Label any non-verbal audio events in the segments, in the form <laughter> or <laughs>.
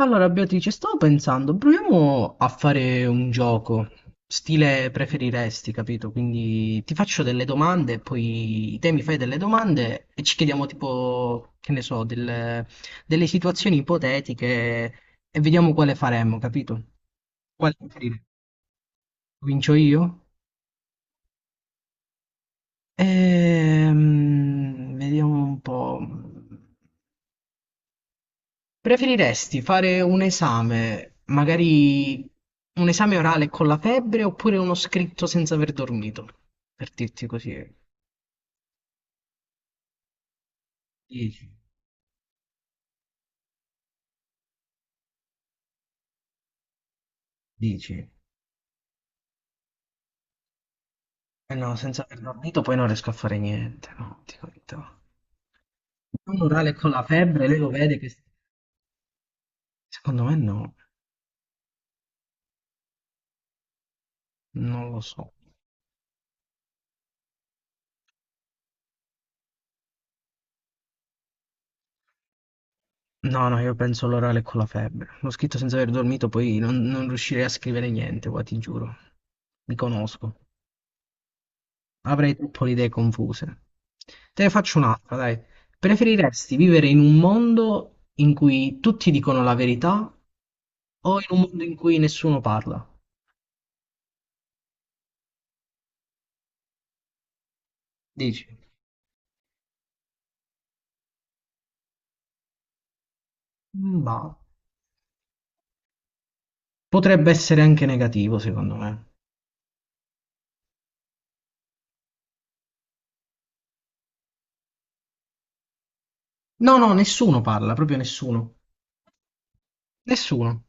Allora, Beatrice, stavo pensando, proviamo a fare un gioco, stile preferiresti, capito? Quindi ti faccio delle domande, poi te mi fai delle domande e ci chiediamo tipo, che ne so, delle situazioni ipotetiche e vediamo quale faremmo, capito? Quale preferire? Comincio io? Vediamo un po'. Preferiresti fare un esame, magari un esame orale con la febbre oppure uno scritto senza aver dormito? Per dirti così. Dici, dici. Eh no, senza aver dormito poi non riesco a fare niente, no, dico la verità. Un orale con la febbre, lei lo vede che... Secondo me no, non lo so. No, no, io penso l'orale con la febbre. Lo scritto senza aver dormito poi non riuscirei a scrivere niente, qua ti giuro. Mi conosco. Avrei troppo le idee confuse. Te ne faccio un'altra, dai. Preferiresti vivere in un mondo in cui tutti dicono la verità o in un mondo in cui nessuno parla? Dici? Ma potrebbe essere anche negativo, secondo me. No, no, nessuno parla, proprio nessuno. Nessuno.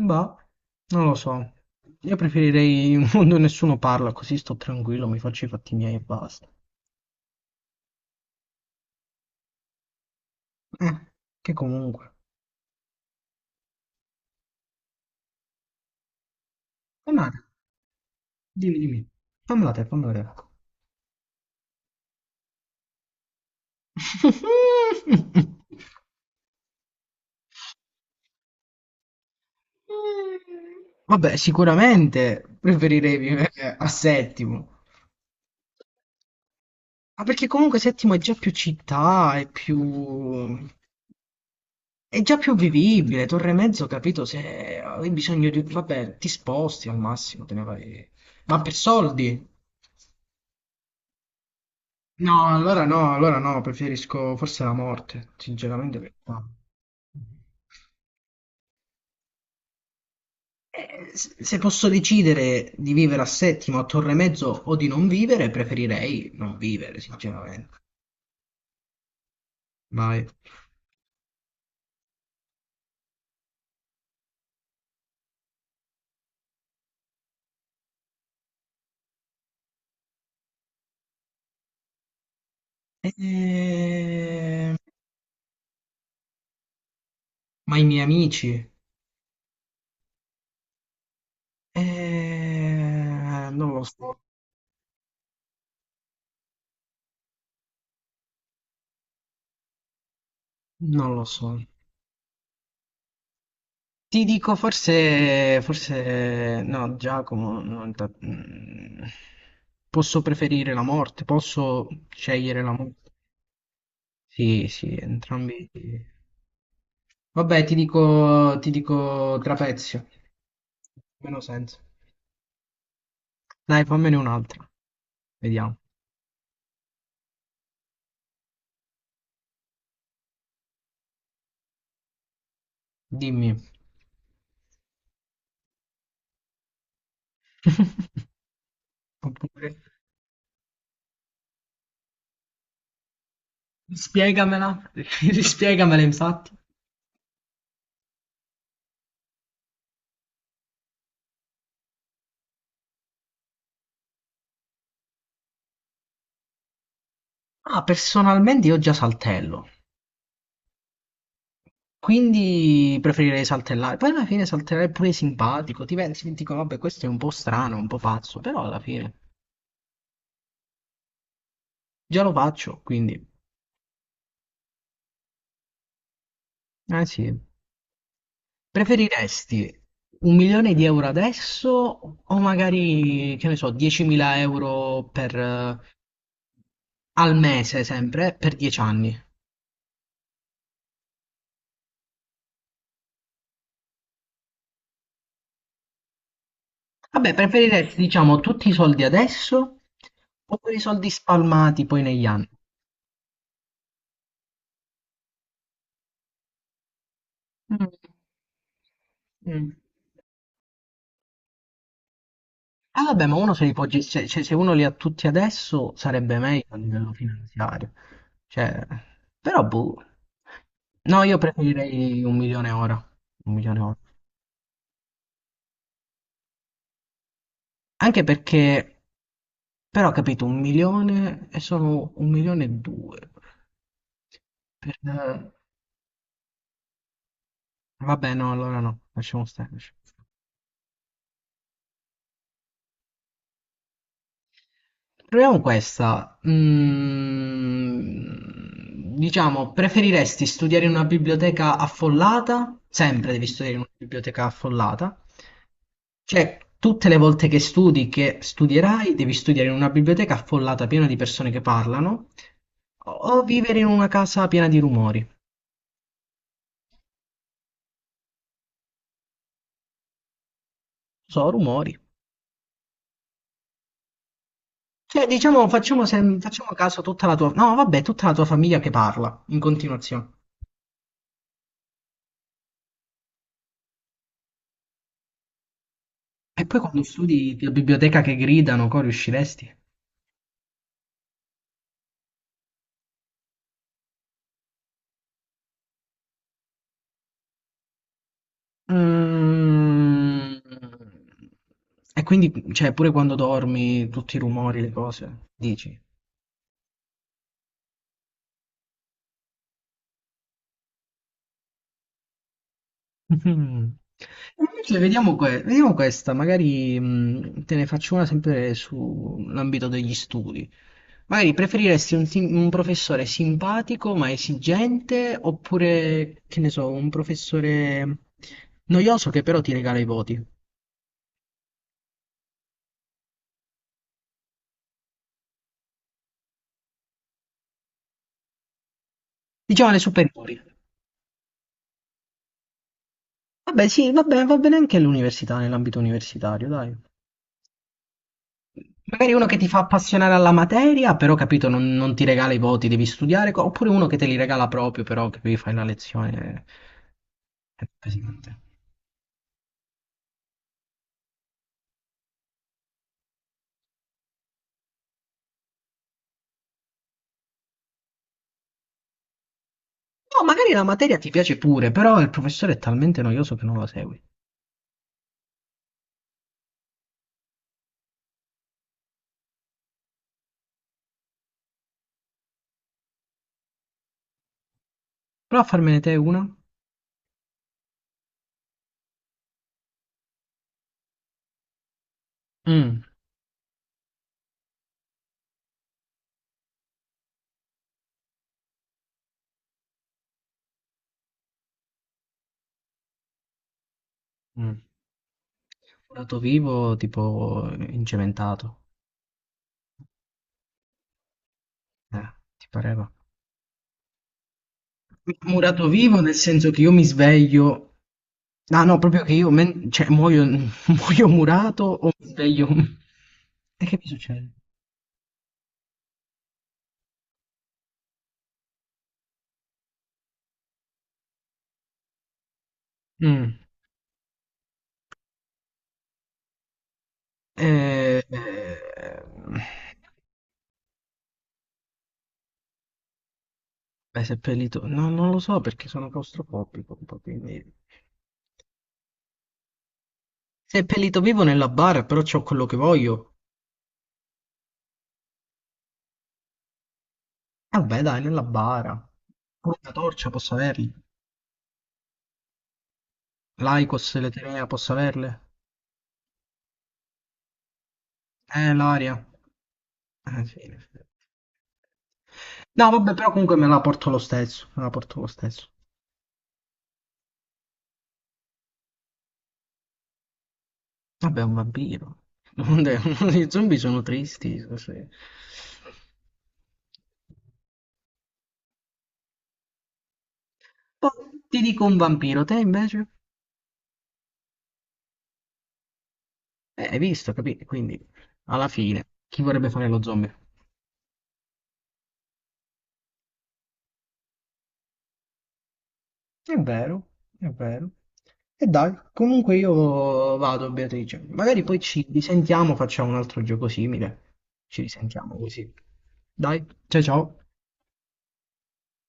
Ma non lo so. Io preferirei un mondo in cui nessuno parla, così sto tranquillo, mi faccio i fatti miei e basta. Eh, che comunque. Fammela te, dimmi, dimmi. Fammela te, fammela te. <laughs> Vabbè, sicuramente preferirei vivere a Settimo. Ma perché comunque Settimo è già più città, è più... è già più vivibile. Torre Mezzo, capito, se hai bisogno di... Vabbè, ti sposti al massimo, te ne vai... Ma per soldi? No, allora no, allora no, preferisco forse la morte, sinceramente. Se posso decidere di vivere a Settimo, a Torre Mezzo o di non vivere, preferirei non vivere, sinceramente. Vai. Eh, Ma i miei amici? Non lo so, non lo so. Ti dico forse, forse no, Giacomo, non ta- mm, posso preferire la morte, posso scegliere la morte. Sì, sì, entrambi. Vabbè, ti dico Trapezio. Meno senso. Dai, fammene un'altra. Vediamo. Dimmi. <laughs> Oppure... Spiegamela. <laughs> Rispiegamela, infatti. Ah, personalmente io già saltello. Quindi preferirei saltellare. Poi alla fine saltellare è pure simpatico. Ti pensi, ti dicono, vabbè, questo è un po' strano, un po' pazzo, però alla fine già lo faccio, quindi... Eh sì. Preferiresti un milione di euro adesso o magari, che ne so, 10.000 euro per, al mese sempre, per 10 anni? Vabbè, preferiresti, diciamo, tutti i soldi adesso o i soldi spalmati poi negli anni? Mm, mm. Eh vabbè, ma uno se li può cioè, se uno li ha tutti adesso sarebbe meglio a livello finanziario. Cioè, però boh. No, io preferirei un milione ora. Un milione ora. Anche perché, però, capito, un milione e sono un milione e due. Per- Vabbè, no, allora no, lasciamo stare. Lasciamo. Proviamo questa. Mm, diciamo, preferiresti studiare in una biblioteca affollata? Sempre devi studiare in una biblioteca affollata. Cioè, tutte le volte che studi, che studierai, devi studiare in una biblioteca affollata piena di persone che parlano, o vivere in una casa piena di rumori. So, rumori. Cioè, diciamo, facciamo caso a tutta la tua... No, vabbè, tutta la tua famiglia che parla in continuazione. E poi quando studi la biblioteca che gridano, co, riusciresti? Mm. E quindi, cioè, pure quando dormi, tutti i rumori, le cose, dici. Mhm. Invece vediamo, vediamo questa, magari te ne faccio una sempre sull'ambito degli studi. Magari preferiresti un professore simpatico ma esigente oppure, che ne so, un professore noioso che però ti regala i voti? Diciamo le superiori. Vabbè, sì, va bene anche l'università, nell'ambito universitario, dai. Magari uno che ti fa appassionare alla materia, però capito, non ti regala i voti, devi studiare, co- oppure uno che te li regala proprio, però che devi fare la lezione. Eh, è pesante. No, magari la materia ti piace pure, però il professore è talmente noioso che non lo segui. Prova a farmene te una. Mm. Mm. Dato vivo, tipo incementato. Ti pareva? Murato vivo nel senso che io mi sveglio, no, no, proprio che io muoio, <laughs> muoio murato o mi sveglio. <laughs> E che mi succede? Mm. Eh, eh, Beh, seppellito, no, non lo so perché sono claustrofobico un po', quindi... Seppellito vivo nella bara, però c'ho quello che voglio. E vabbè, dai, nella bara. Pure una torcia posso averli. L'Aicos, l'Eterea posso averle. L'aria. Sì. No, vabbè, però comunque me la porto lo stesso. Me la porto lo stesso. Vabbè, è un vampiro. Vabbè, <laughs> i zombie sono tristi. Così. Poi ti dico un vampiro, te invece? Hai visto, capito? Quindi, alla fine, chi vorrebbe fare lo zombie? È vero, è vero. E dai, comunque io vado, Beatrice. Magari poi ci risentiamo, facciamo un altro gioco simile. Ci risentiamo così. Dai, ciao ciao.